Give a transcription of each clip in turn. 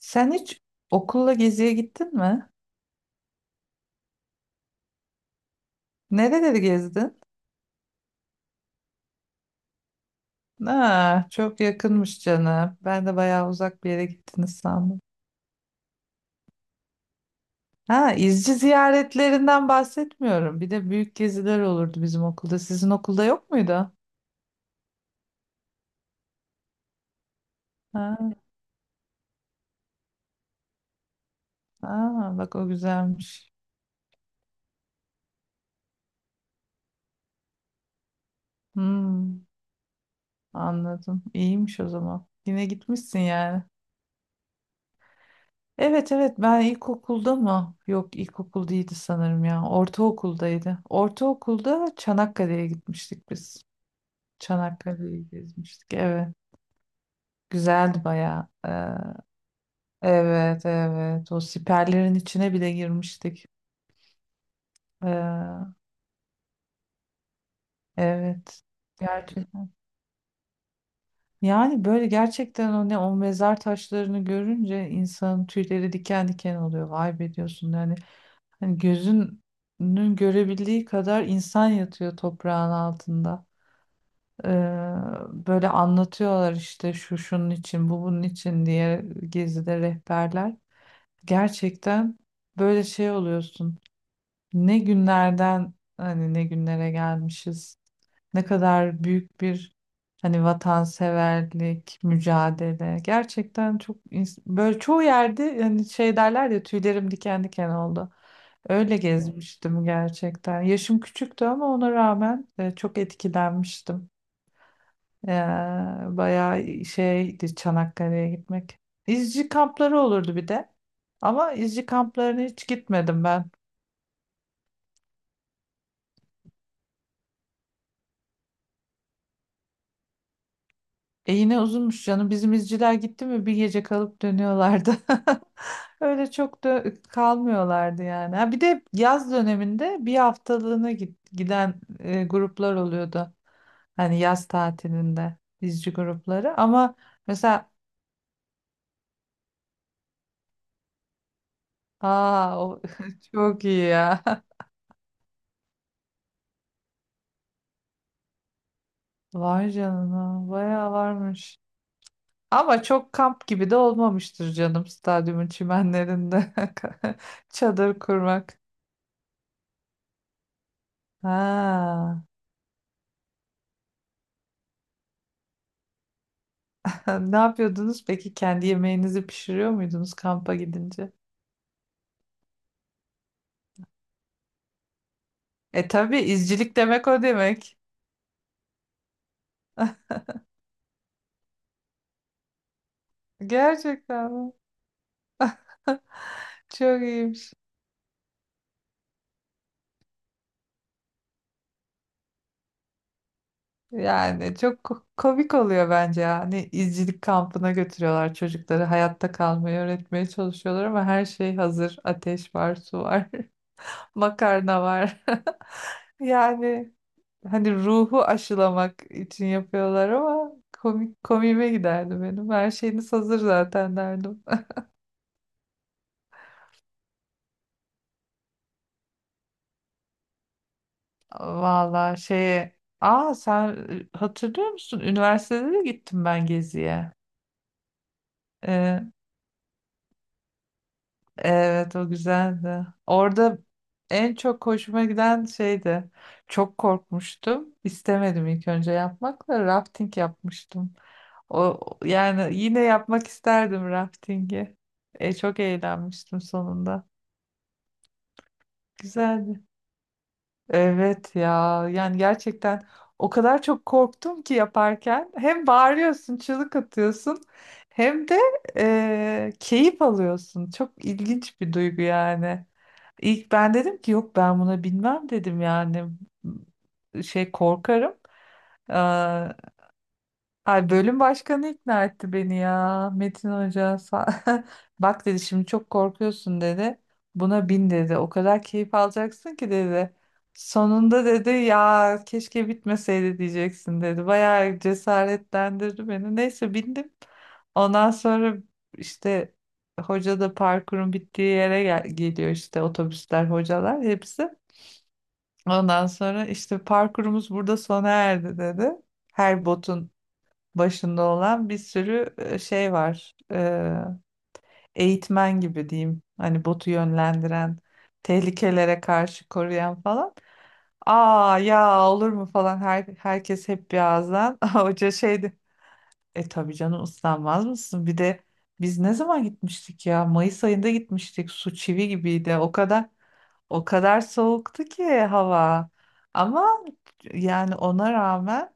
Sen hiç okulla geziye gittin mi? Nereleri gezdin? Ha, çok yakınmış canım. Ben de bayağı uzak bir yere gittiniz sandım. Ha, izci ziyaretlerinden bahsetmiyorum. Bir de büyük geziler olurdu bizim okulda. Sizin okulda yok muydu? Ha, ha, bak o güzelmiş. Hmm, anladım. İyiymiş o zaman. Yine gitmişsin yani. Evet evet ben ilkokulda mı? Yok ilkokul değildi sanırım ya. Ortaokuldaydı. Ortaokulda Çanakkale'ye gitmiştik biz. Çanakkale'yi gezmiştik. Evet. Güzeldi bayağı. Evet evet. O siperlerin içine bile girmiştik. Ee, evet. Gerçekten. Yani böyle gerçekten o ne o mezar taşlarını görünce insanın tüyleri diken diken oluyor. Vay be diyorsun yani. Hani gözünün görebildiği kadar insan yatıyor toprağın altında. Ee, böyle anlatıyorlar işte şu şunun için bu bunun için diye gezide rehberler. Gerçekten böyle şey oluyorsun. Ne günlerden hani ne günlere gelmişiz. Ne kadar büyük bir hani vatanseverlik, mücadele. Gerçekten çok böyle çoğu yerde hani şey derler ya tüylerim diken diken oldu. Öyle gezmiştim gerçekten. Yaşım küçüktü ama ona rağmen çok etkilenmiştim. Ya, bayağı şeydi Çanakkale'ye gitmek. İzci kampları olurdu bir de. Ama izci kamplarına hiç gitmedim ben. E yine uzunmuş canım. Bizim izciler gitti mi bir gece kalıp dönüyorlardı. Öyle çok da kalmıyorlardı yani. Ha, bir de yaz döneminde bir haftalığına giden gruplar oluyordu. Hani yaz tatilinde izci grupları. Ama mesela aa o çok iyi ya. Vay canına, bayağı varmış. Ama çok kamp gibi de olmamıştır canım stadyumun çimenlerinde çadır kurmak. Ha. Ne yapıyordunuz peki? Kendi yemeğinizi pişiriyor muydunuz kampa gidince? E tabii izcilik demek o demek. Gerçekten mi? Çok iyiymiş. Yani çok komik oluyor bence ya. Hani izcilik kampına götürüyorlar çocukları. Hayatta kalmayı öğretmeye çalışıyorlar ama her şey hazır. Ateş var, su var. Makarna var. Yani hani ruhu aşılamak için yapıyorlar ama komik komiğime giderdi benim. Her şeyiniz hazır zaten derdim. Vallahi şeye... Aa sen hatırlıyor musun? Üniversitede de gittim ben geziye. Ee, Evet o güzeldi. Orada en çok hoşuma giden şeydi. Çok korkmuştum. İstemedim ilk önce yapmak da rafting yapmıştım. O yani yine yapmak isterdim raftingi. Çok eğlenmiştim sonunda. Güzeldi. Evet ya yani gerçekten o kadar çok korktum ki yaparken hem bağırıyorsun, çığlık atıyorsun hem de keyif alıyorsun. Çok ilginç bir duygu yani. İlk ben dedim ki yok ben buna binmem dedim yani şey korkarım. Ay bölüm başkanı ikna etti beni ya. Metin Hoca bak dedi şimdi çok korkuyorsun dedi. Buna bin dedi. O kadar keyif alacaksın ki dedi. Sonunda dedi ya keşke bitmeseydi diyeceksin dedi. Bayağı cesaretlendirdi beni. Neyse bindim. Ondan sonra işte hoca da parkurun bittiği yere geliyor işte otobüsler, hocalar hepsi. Ondan sonra işte parkurumuz burada sona erdi dedi. Her botun başında olan bir sürü şey var. Eğitmen gibi diyeyim. Hani botu yönlendiren, tehlikelere karşı koruyan falan. Aa ya olur mu falan herkes hep bir ağızdan. Hoca şeydi. E tabii canım ıslanmaz mısın? Bir de biz ne zaman gitmiştik ya? Mayıs ayında gitmiştik. Su çivi gibiydi. O kadar o kadar soğuktu ki hava. Ama yani ona rağmen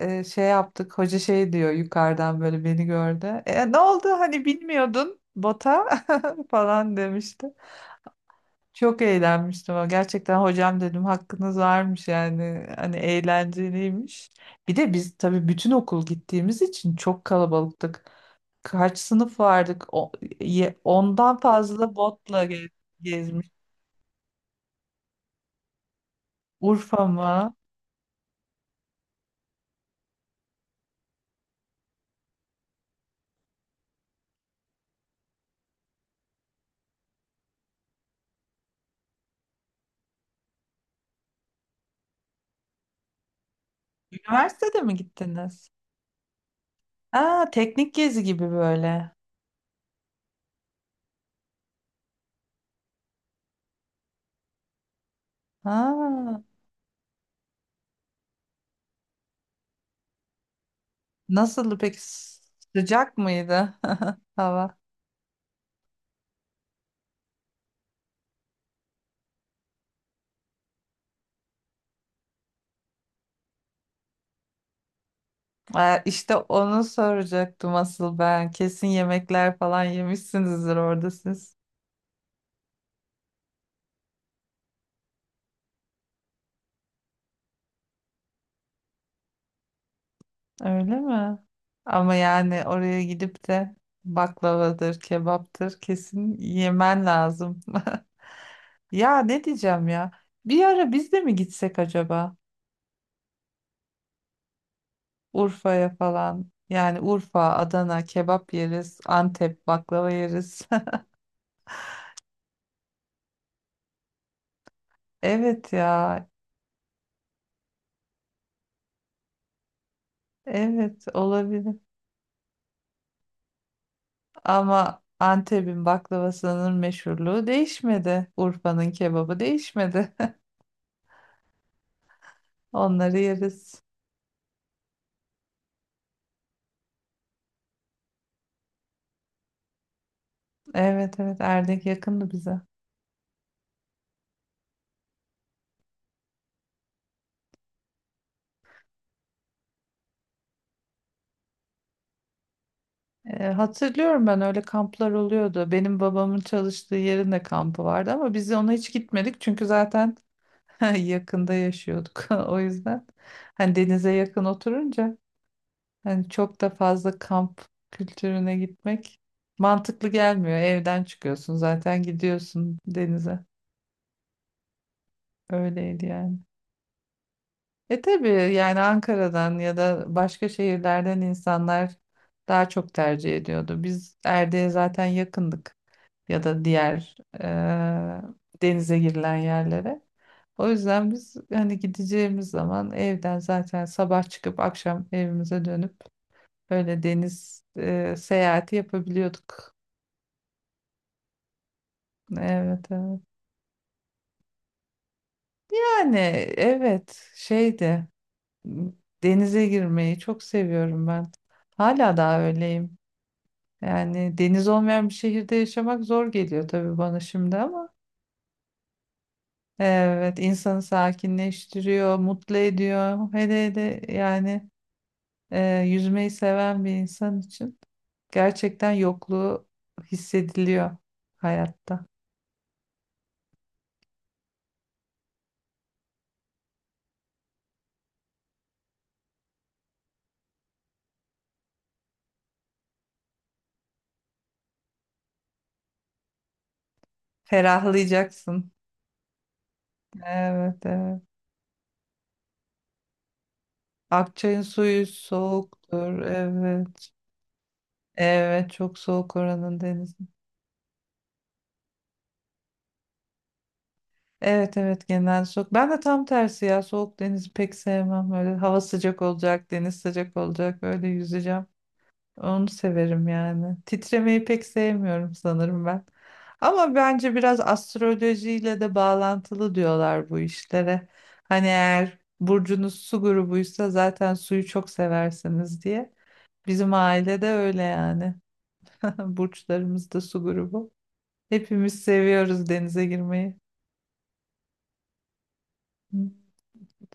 şey yaptık. Hoca şey diyor yukarıdan böyle beni gördü. Ne oldu hani bilmiyordun bota falan demişti. Çok eğlenmiştim. Ama gerçekten hocam dedim hakkınız varmış yani. Hani eğlenceliymiş. Bir de biz tabii bütün okul gittiğimiz için çok kalabalıktık. Kaç sınıf vardık? O, ondan fazla botla gezmiş. Urfa mı? Üniversitede mi gittiniz? Aa, teknik gezi gibi böyle. Ha. Nasıldı peki? Sıcak mıydı hava? İşte onu soracaktım asıl ben. Kesin yemekler falan yemişsinizdir orada siz. Öyle mi? Ama yani oraya gidip de baklavadır, kebaptır kesin yemen lazım. Ya ne diyeceğim ya? Bir ara biz de mi gitsek acaba? Urfa'ya falan. Yani Urfa, Adana kebap yeriz, Antep baklava yeriz. Evet ya. Evet olabilir. Ama Antep'in baklavasının meşhurluğu değişmedi. Urfa'nın kebabı değişmedi. Onları yeriz. Evet evet Erdek yakındı bize. Hatırlıyorum ben öyle kamplar oluyordu. Benim babamın çalıştığı yerin de kampı vardı ama biz ona hiç gitmedik çünkü zaten yakında yaşıyorduk. O yüzden hani denize yakın oturunca hani çok da fazla kamp kültürüne gitmek mantıklı gelmiyor. Evden çıkıyorsun zaten gidiyorsun denize. Öyleydi yani. E tabii yani Ankara'dan ya da başka şehirlerden insanlar daha çok tercih ediyordu. Biz Erdek'e zaten yakındık ya da diğer denize girilen yerlere. O yüzden biz hani gideceğimiz zaman evden zaten sabah çıkıp akşam evimize dönüp öyle deniz seyahati yapabiliyorduk. Evet, evet. Yani evet şeydi, m, denize girmeyi çok seviyorum ben. Hala daha öyleyim. Yani deniz olmayan bir şehirde yaşamak zor geliyor tabii bana şimdi ama evet insanı sakinleştiriyor, mutlu ediyor. Hele hele yani yüzmeyi seven bir insan için gerçekten yokluğu hissediliyor hayatta. Ferahlayacaksın. Evet, evet. Akçay'ın suyu soğuktur. Evet. Evet, çok soğuk oranın denizi. Evet evet genel soğuk. Ben de tam tersi ya soğuk denizi pek sevmem. Böyle hava sıcak olacak, deniz sıcak olacak. Öyle yüzeceğim. Onu severim yani. Titremeyi pek sevmiyorum sanırım ben. Ama bence biraz astrolojiyle de bağlantılı diyorlar bu işlere. Hani eğer burcunuz su grubuysa zaten suyu çok seversiniz diye. Bizim ailede öyle yani. Burçlarımız da su grubu. Hepimiz seviyoruz denize girmeyi.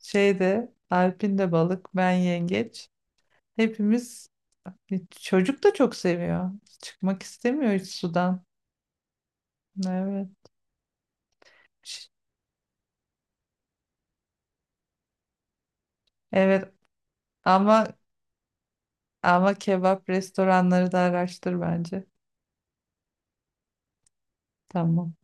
Şeyde Alp'in de balık, ben yengeç. Hepimiz çocuk da çok seviyor. Çıkmak istemiyor hiç sudan. Evet. Evet ama ama kebap restoranları da araştır bence. Tamam.